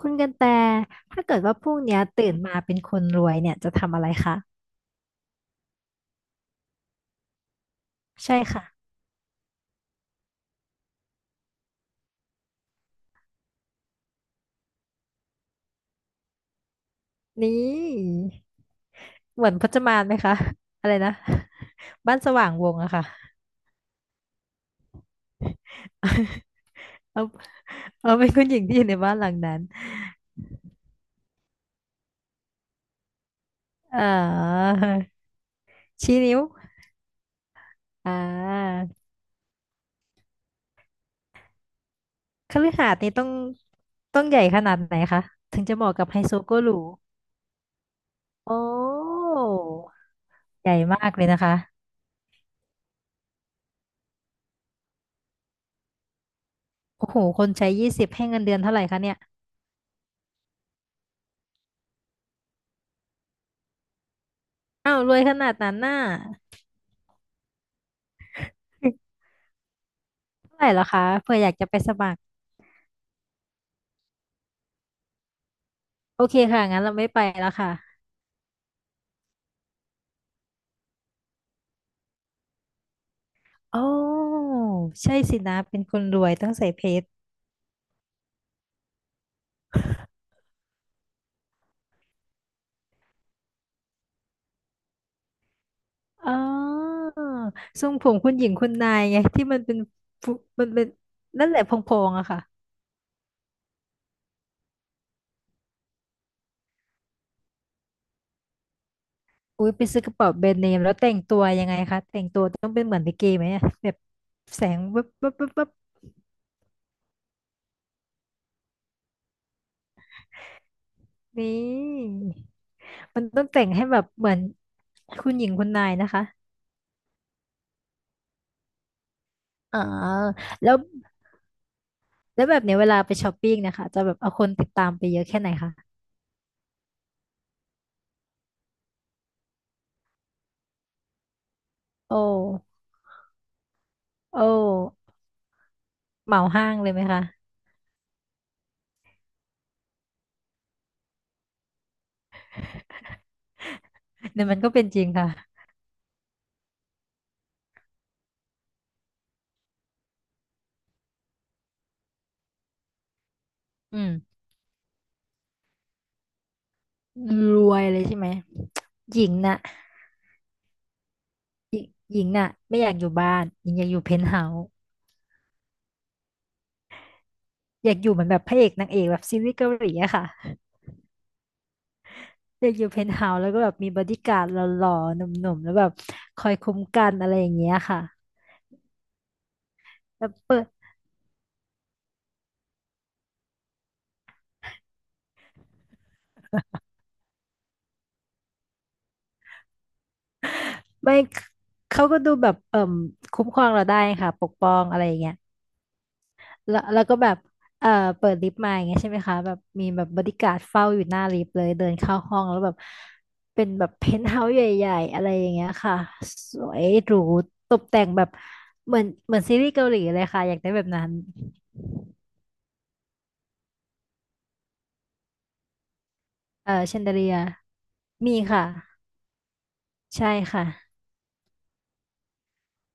คุณกันแต่ถ้าเกิดว่าพรุ่งเนี้ยตื่นมาเป็นคนรวยเนี่ยจะทำอะไรคะใช่ค่ะนี่เหมือนพจมานไหมคะอะไรนะบ้านสว่างวงอะค่ะ เอาเอาเป็นคุณหญิงที่อยู่ในบ้านหลังนั้นเอ่อชี้นิ้วอ่าคฤหาสน์นี่ต้องต้องใหญ่ขนาดไหนคะถึงจะเหมาะกับไฮโซโกหรูโอ้ใหญ่มากเลยนะคะโอ้โหคนใช้20ให้เงินเดือนเท่าไหร่คะเนี่ย อ้าวรวยขนาดนั้นน่ะเท่าไหร่เหรอคะเผื่ออยากจะไปสมัครโอเคค่ะงั้นเราไม่ไปแล้วค่ะโอ้ใช่สินะเป็นคนรวยต้องใส่เพชรอ๋อทรงผมคุณหญิงคุณนายไงที่มันเป็นฟุมันเป็นนั่นแหละพองๆอะค่ะอุ้ยไปซื้อกระเป๋าแบรนด์เนมแล้วแต่งตัวยังไงคะแต่งตัวต้องเป็นเหมือนลิเกไหมอะแบบแสงวับวับวับวับนี่มันต้องแต่งให้แบบเหมือนคุณหญิงคุณนายนะคะอ๋อแล้ว แล้วแบบเนี้ยเวลาไปช้อปปิ้งนะคะจะแบบเอาคนติดตามไปเยอะแค่ไหนคะโอ้โอ้เหมาห้างเลยไหมคะเนี่ยวมันก็เป็นจริงค่ะอืมรวยเลยใช่ไหมหญิงน่ะหญิงหญิงน่ะไม่อยากอยู่บ้านหญิงอยากอยู่เพนท์เฮาส์อยากอยู่เหมือนแบบพระเอกนางเอกแบบซีรีส์เกาหลีอะค่ะอยากอยู่เพนท์เฮาส์แล้วก็แบบมีบอดี้การ์ดหล่อๆหนุ่มๆแล้วแบบคอยคุ้มกันอะไรอย่างเงี้ยค่ะแล้วเปิดไม่เขาก็ดูแบบเอ่มคุ้มครองเราได้ค่ะปกป้องอะไรอย่างเงี้ย แล้วแล้วก็แบบเอ่อเปิดลิฟต์มาอย่างเงี้ยใช่ไหมคะแบบมีแบบบอดี้การ์ดเฝ้าอยู่หน้าลิฟต์เลยเดินเข้าห้องแล้วแบบเป็นแบบเพนท์เฮาส์ใหญ่ๆอะไรอย่างเงี้ยค่ะสวยหรูตกแต่งแบบเหมือนเหมือนซีรีส์เกาหลีเลยค่ะอยากได้แบบนั้นแชนเดเลียมีค่ะใช่ค่ะ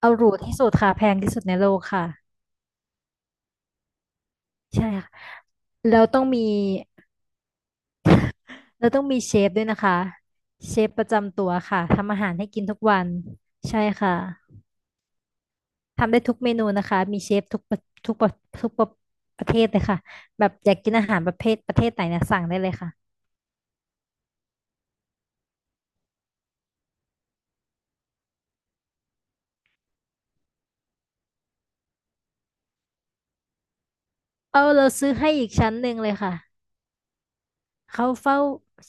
เอาหรูที่สุดค่ะแพงที่สุดในโลกค่ะใช่ค่ะแล้วต้องมีแล้วต้องมีเชฟด้วยนะคะเชฟประจำตัวค่ะทำอาหารให้กินทุกวันใช่ค่ะ ทำได้ทุกเมนูนะคะมีเชฟทุกประทุกประทุกประประเทศเลยค่ะแบบอยากกินอาหารประเภทประเทศไหนเนี่ยสั่งได้เลยค่ะเอาเราซื้อให้อีกชั้นหนึ่งเลยค่ะเขาเฝ้า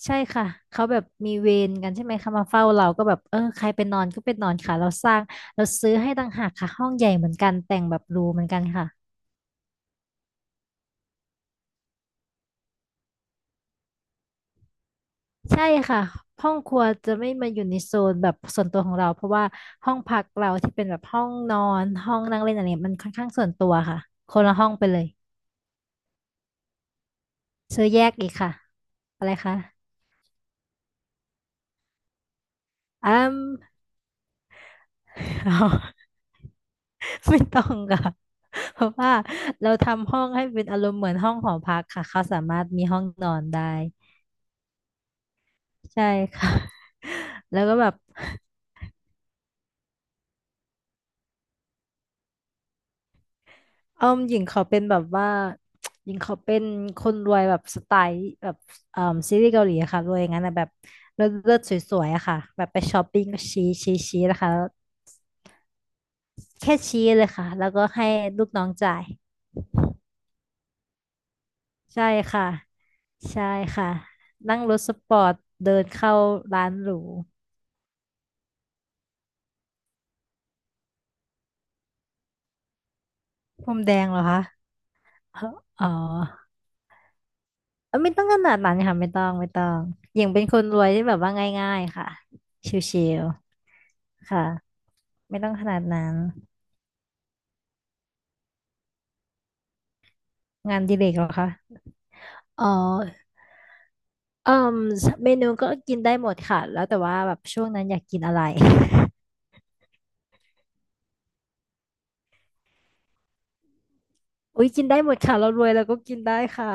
ใช่ค่ะเขาแบบมีเวรกันใช่ไหมคะมาเฝ้าเราก็แบบเออใครไปนอนก็ไปนอนค่ะเราสร้างเราซื้อให้ต่างหากค่ะห้องใหญ่เหมือนกันแต่งแบบหรูเหมือนกันค่ะใช่ค่ะห้องครัวจะไม่มาอยู่ในโซนแบบส่วนตัวของเราเพราะว่าห้องพักเราที่เป็นแบบห้องนอนห้องนั่งเล่นอะไรเนี่ยมันค่อนข้างส่วนตัวค่ะคนละห้องไปเลย ซื้อแยกอีกค่ะอะไรคะอืม ไม่ต้องค่ะ เพราะว่าเราทำห้องให้เป็นอารมณ์เหมือนห้องหอพักค่ะเขาสามารถมีห้องนอนได้ใช่ค่ะ แล้วก็แบบเออมหญิงเขาเป็นแบบว่า หญิงเขาเป็นคนรวยแบบสไตล์แบบเอ่อซีรีส์เกาหลีอะค่ะรวยอย่างนั้นนะแบบเลิศเลิศสวยๆอะค่ะแบบไปช้อปปิ้งก็ชี้ชี้ชี้นะคะแค่ชี้เลยค่ะแล้วก็ให้ลูกน้องจ่าย ใช่ค่ะใช่ค่ะนั่งรถสปอร์ตเดินเข้าร้านหรูพรมแดงเหรอคะอ๋อเอ้ยไม่ต้องขนาดนั้นค่ะไม่ต้องไม่ต้องอย่างเป็นคนรวยที่แบบว่าง่ายๆค่ะชิวๆค่ะไม่ต้องขนาดนั้นงานอดีเลกเหรอคะอ๋อเอ่มเมนูก็กินได้หมดค่ะแล้วแต่ว่าแบบช่วงนั้นอยากกินอะไร อุ้ยกินได้หมดค่ะเรารวยเราก็กินได้ค่ะ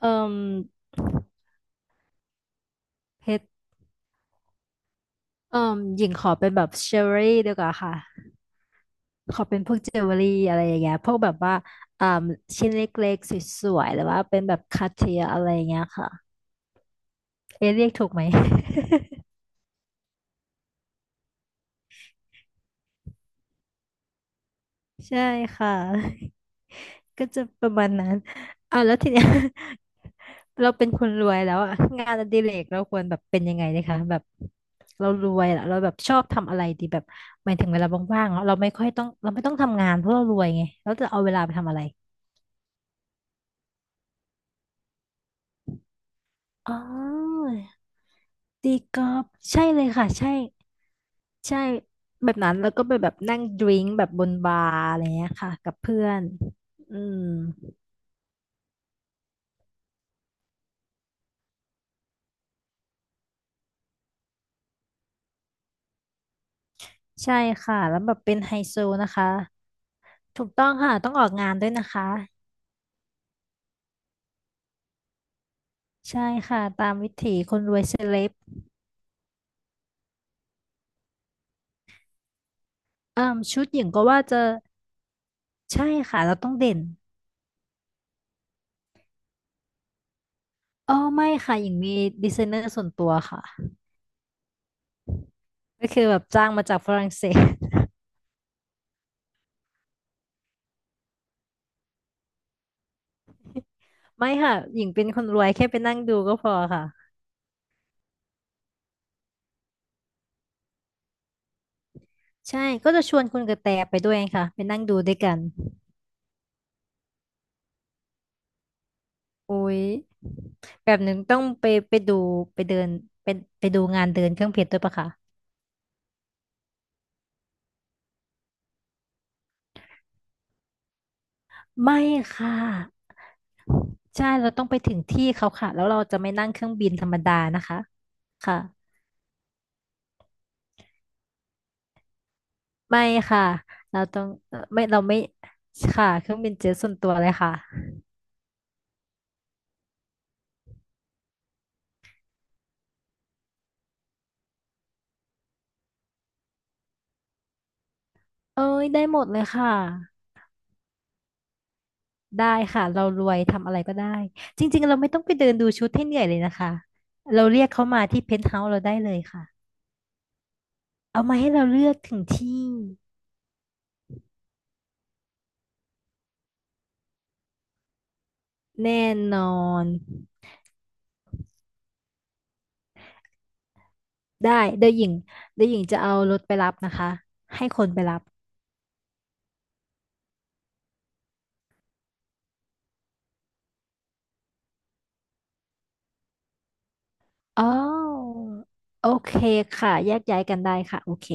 เอ่มเผ็ด เอ่อหญิงขอเป็นแบบเจว e รี่ดีกว่าค่ะขอเป็นพวกเจว e รี่อะไรอย่างเงี้ยพวกแบบว่าอ่าชิ้นเล็กๆสวยๆหรือว่าเป็นแบบคาเทียอะไรอย่างเงี้ยค่ะเอะเรียกถูกไหม ใช่ค่ะก็จะประมาณนั้นแล้วทีเนี้ย เราเป็นคนรวยแล้วอะงานอดิเรกเราควรแบบเป็นยังไงดีคะแบบเรารวยละเราแบบชอบทำอะไรดีแบบหมายถึงเวลาว่างๆเนอะเราไม่ค่อยต้องเราไม่ต้องทำงานเพราะเรารวยไงเราจะเอาเวลาไปทำอะไรอ๋อ ตีกอล์ฟใช่เลยค่ะใช่ใช่แบบนั้นแล้วก็ไปแบบนั่งดริงก์แบบบนบาร์อะไรเงี้ยค่ะกับเพื่อนอืมใช่ค่ะแล้วแบบเป็นไฮโซนะคะถูกต้องค่ะต้องออกงานด้วยนะคะใช่ค่ะตามวิถีคนรวยเซเลบเอ่มชุดหญิงก็ว่าจะใช่ค่ะเราต้องเด่นอ๋อไม่ค่ะหญิงมีดีไซเนอร์ส่วนตัวค่ะก็คือแบบจ้างมาจากฝรั่งเศส ไม่ค่ะหญิงเป็นคนรวยแค่ไปนั่งดูก็พอค่ะ ใช่ ก็จะชวนคุณกระแตไปด้วยค่ะไปนั่งดูด้วยกันโอ้ยแบบหนึ่งต้องไปไปดูไปเดินไปไปดูงานเดินเครื่องเพชรด้วยปะคะไม่ค่ะใช่เราต้องไปถึงที่เขาค่ะแล้วเราจะไม่นั่งเครื่องบินธรรมดานะคะค่ะไม่ค่ะเราต้องเอ่อไม่เราไม่ค่ะเครื่องบินเจ็ตส่วนตัวเลยค่ะเอ้ยได้หมดเลยค่ะได้ค่ะเรารวยทำอะไรก็ได้จริงๆเราไม่ต้องไปเดินดูชุดให้เหนื่อยเลยนะคะเราเรียกเขามาที่เพนท์เฮาส์เราได้เลยค่ะ เอามาให้เราเลือกถึงที่แน่นอนได้เดี๋ยวหญิงเดี๋ยวหญิงจะเอารถไปรับนะคะให้คนไปรับอ๋อโอเคค่ะแยกย้ายกันได้ค่ะโอเค